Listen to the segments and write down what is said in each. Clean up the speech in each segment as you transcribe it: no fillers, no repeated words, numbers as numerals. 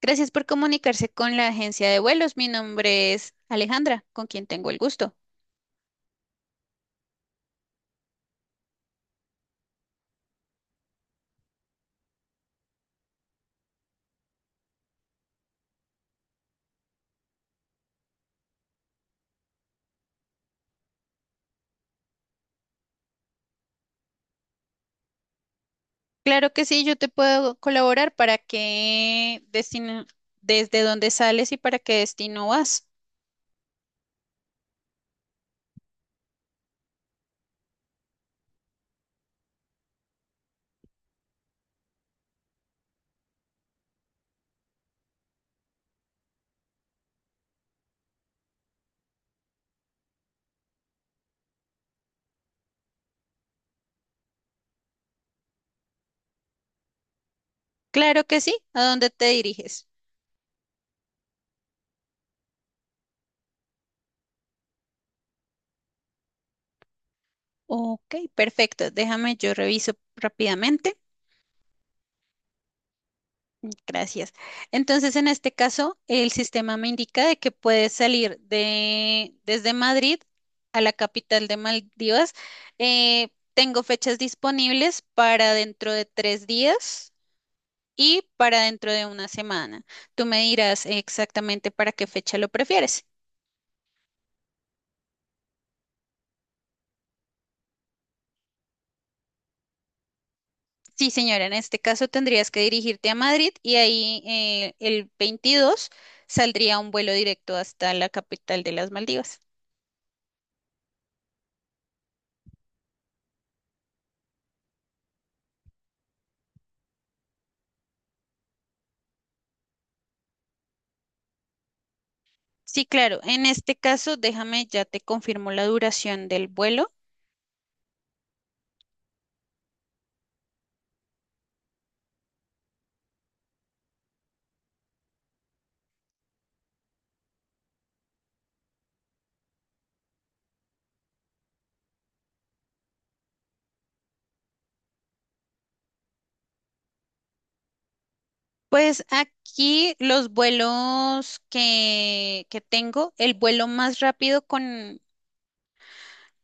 Gracias por comunicarse con la agencia de vuelos. Mi nombre es Alejandra, con quien tengo el gusto. Claro que sí, yo te puedo colaborar para qué destino, desde dónde sales y para qué destino vas. Claro que sí, ¿a dónde te diriges? Ok, perfecto. Déjame, yo reviso rápidamente. Gracias. Entonces, en este caso, el sistema me indica de que puedes salir desde Madrid a la capital de Maldivas. Tengo fechas disponibles para dentro de 3 días y para dentro de una semana. Tú me dirás exactamente para qué fecha lo prefieres. Sí, señora, en este caso tendrías que dirigirte a Madrid y ahí el 22 saldría un vuelo directo hasta la capital de las Maldivas. Sí, claro. En este caso, déjame, ya te confirmo la duración del vuelo. Pues aquí los vuelos que tengo, el vuelo más rápido con,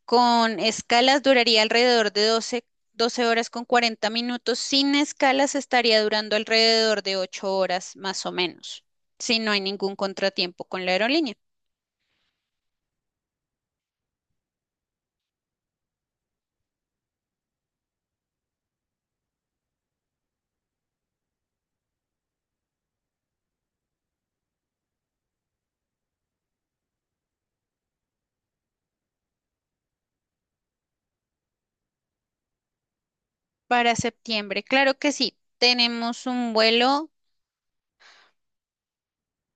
con escalas duraría alrededor de doce horas con 40 minutos. Sin escalas estaría durando alrededor de 8 horas más o menos, si no hay ningún contratiempo con la aerolínea. Para septiembre, claro que sí. Tenemos un vuelo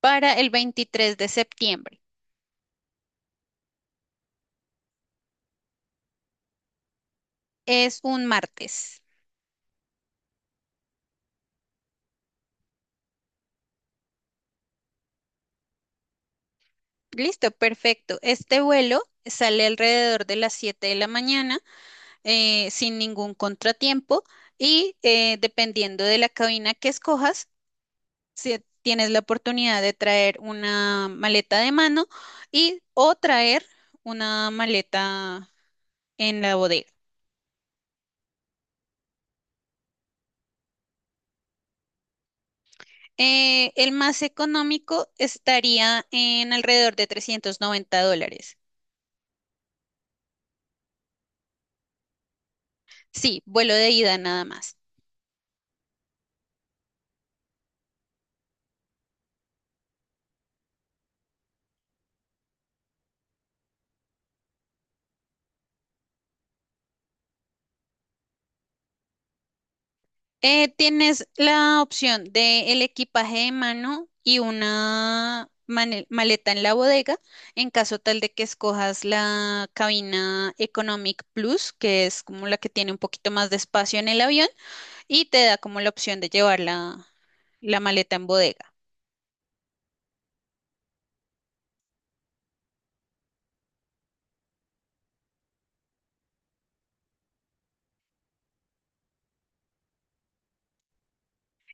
para el 23 de septiembre. Es un martes. Listo, perfecto. Este vuelo sale alrededor de las 7 de la mañana sin ningún contratiempo y dependiendo de la cabina que escojas, si tienes la oportunidad de traer una maleta de mano y o traer una maleta en la bodega. El más económico estaría en alrededor de $390. Sí, vuelo de ida nada más. Tienes la opción de el equipaje de mano y una maleta en la bodega, en caso tal de que escojas la cabina Economic Plus, que es como la que tiene un poquito más de espacio en el avión y te da como la opción de llevar la maleta en bodega.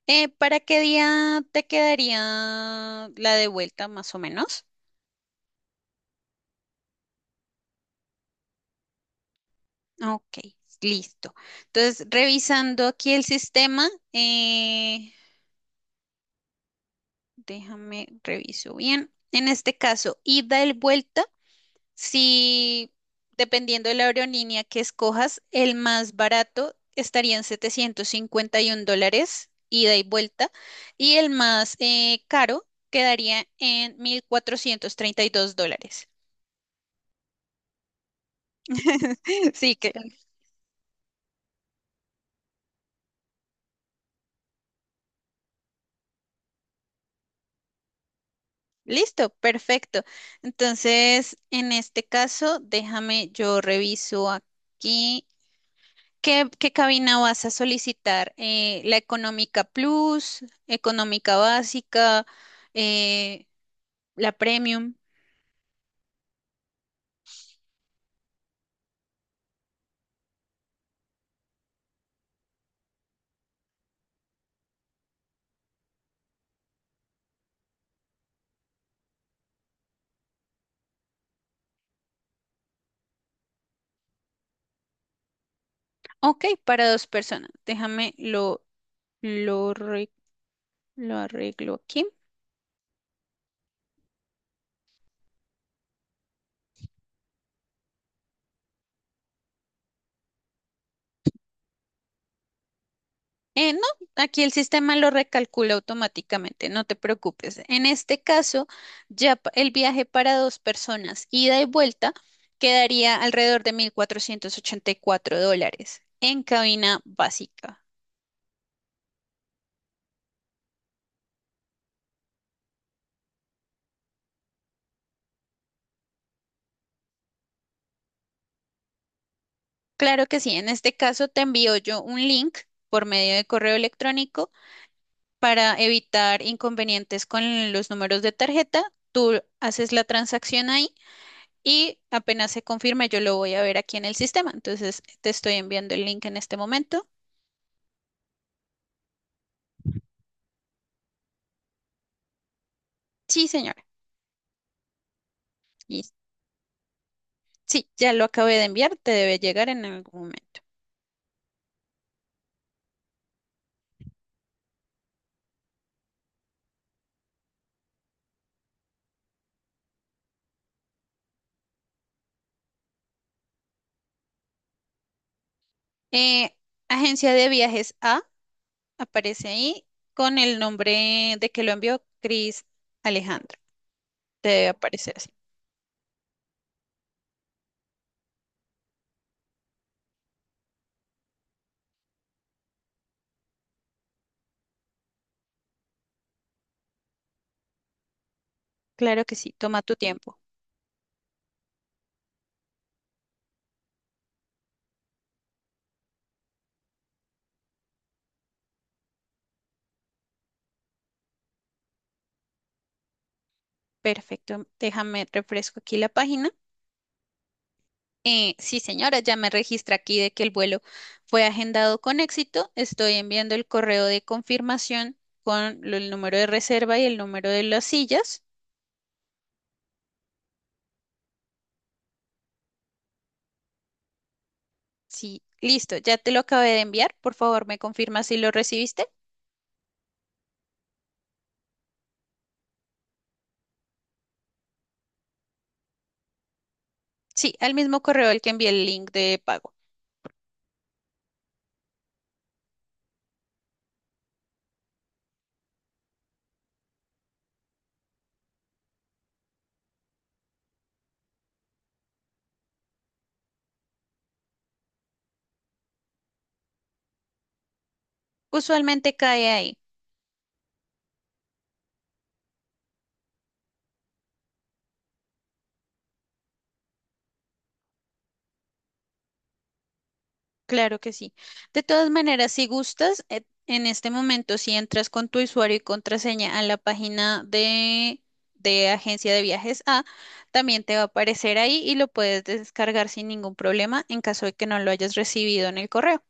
¿Para qué día te quedaría la de vuelta más o menos? Ok, listo. Entonces, revisando aquí el sistema, déjame reviso bien. En este caso, ida y vuelta, si dependiendo de la aerolínea que escojas, el más barato estaría en $751, ida y vuelta, y el más caro quedaría en $1,432. Sí, que listo, perfecto. Entonces, en este caso, déjame yo reviso aquí. ¿Qué cabina vas a solicitar? ¿La económica plus, económica básica, eh, la premium? Ok, para dos personas. Déjame lo, re- lo arreglo aquí. No, aquí el sistema lo recalcula automáticamente, no te preocupes. En este caso, el viaje para dos personas, ida y vuelta, quedaría alrededor de $1,484 en cabina básica. Claro que sí, en este caso te envío yo un link por medio de correo electrónico para evitar inconvenientes con los números de tarjeta. Tú haces la transacción ahí y apenas se confirme, yo lo voy a ver aquí en el sistema. Entonces, te estoy enviando el link en este momento. Sí, señora. Listo. Sí, ya lo acabé de enviar, te debe llegar en algún momento. Eh, agencia de Viajes A aparece ahí con el nombre de que lo envió Cris Alejandro. Te debe aparecer así. Claro que sí, toma tu tiempo. Perfecto, déjame refresco aquí la página. Sí, señora, ya me registra aquí de que el vuelo fue agendado con éxito. Estoy enviando el correo de confirmación con el número de reserva y el número de las sillas. Sí, listo, ya te lo acabé de enviar. Por favor, me confirma si lo recibiste. Sí, al mismo correo al que envié el link de pago. Usualmente cae ahí. Claro que sí. De todas maneras, si gustas, en este momento, si entras con tu usuario y contraseña a la página de Agencia de Viajes A, también te va a aparecer ahí y lo puedes descargar sin ningún problema en caso de que no lo hayas recibido en el correo.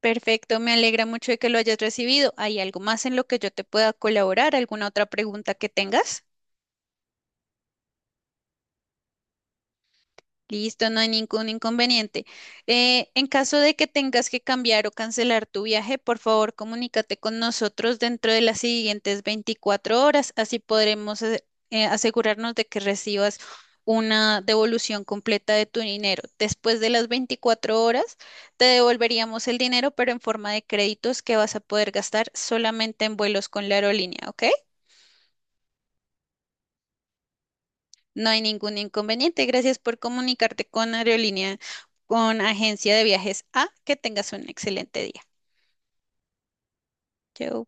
Perfecto, me alegra mucho de que lo hayas recibido. ¿Hay algo más en lo que yo te pueda colaborar? ¿Alguna otra pregunta que tengas? Listo, no hay ningún inconveniente. En caso de que tengas que cambiar o cancelar tu viaje, por favor, comunícate con nosotros dentro de las siguientes 24 horas, así podremos asegurarnos de que recibas una devolución completa de tu dinero. Después de las 24 horas, te devolveríamos el dinero, pero en forma de créditos que vas a poder gastar solamente en vuelos con la aerolínea, ¿ok? No hay ningún inconveniente. Gracias por comunicarte con Aerolínea, con Agencia de Viajes A. Que tengas un excelente día. Chao.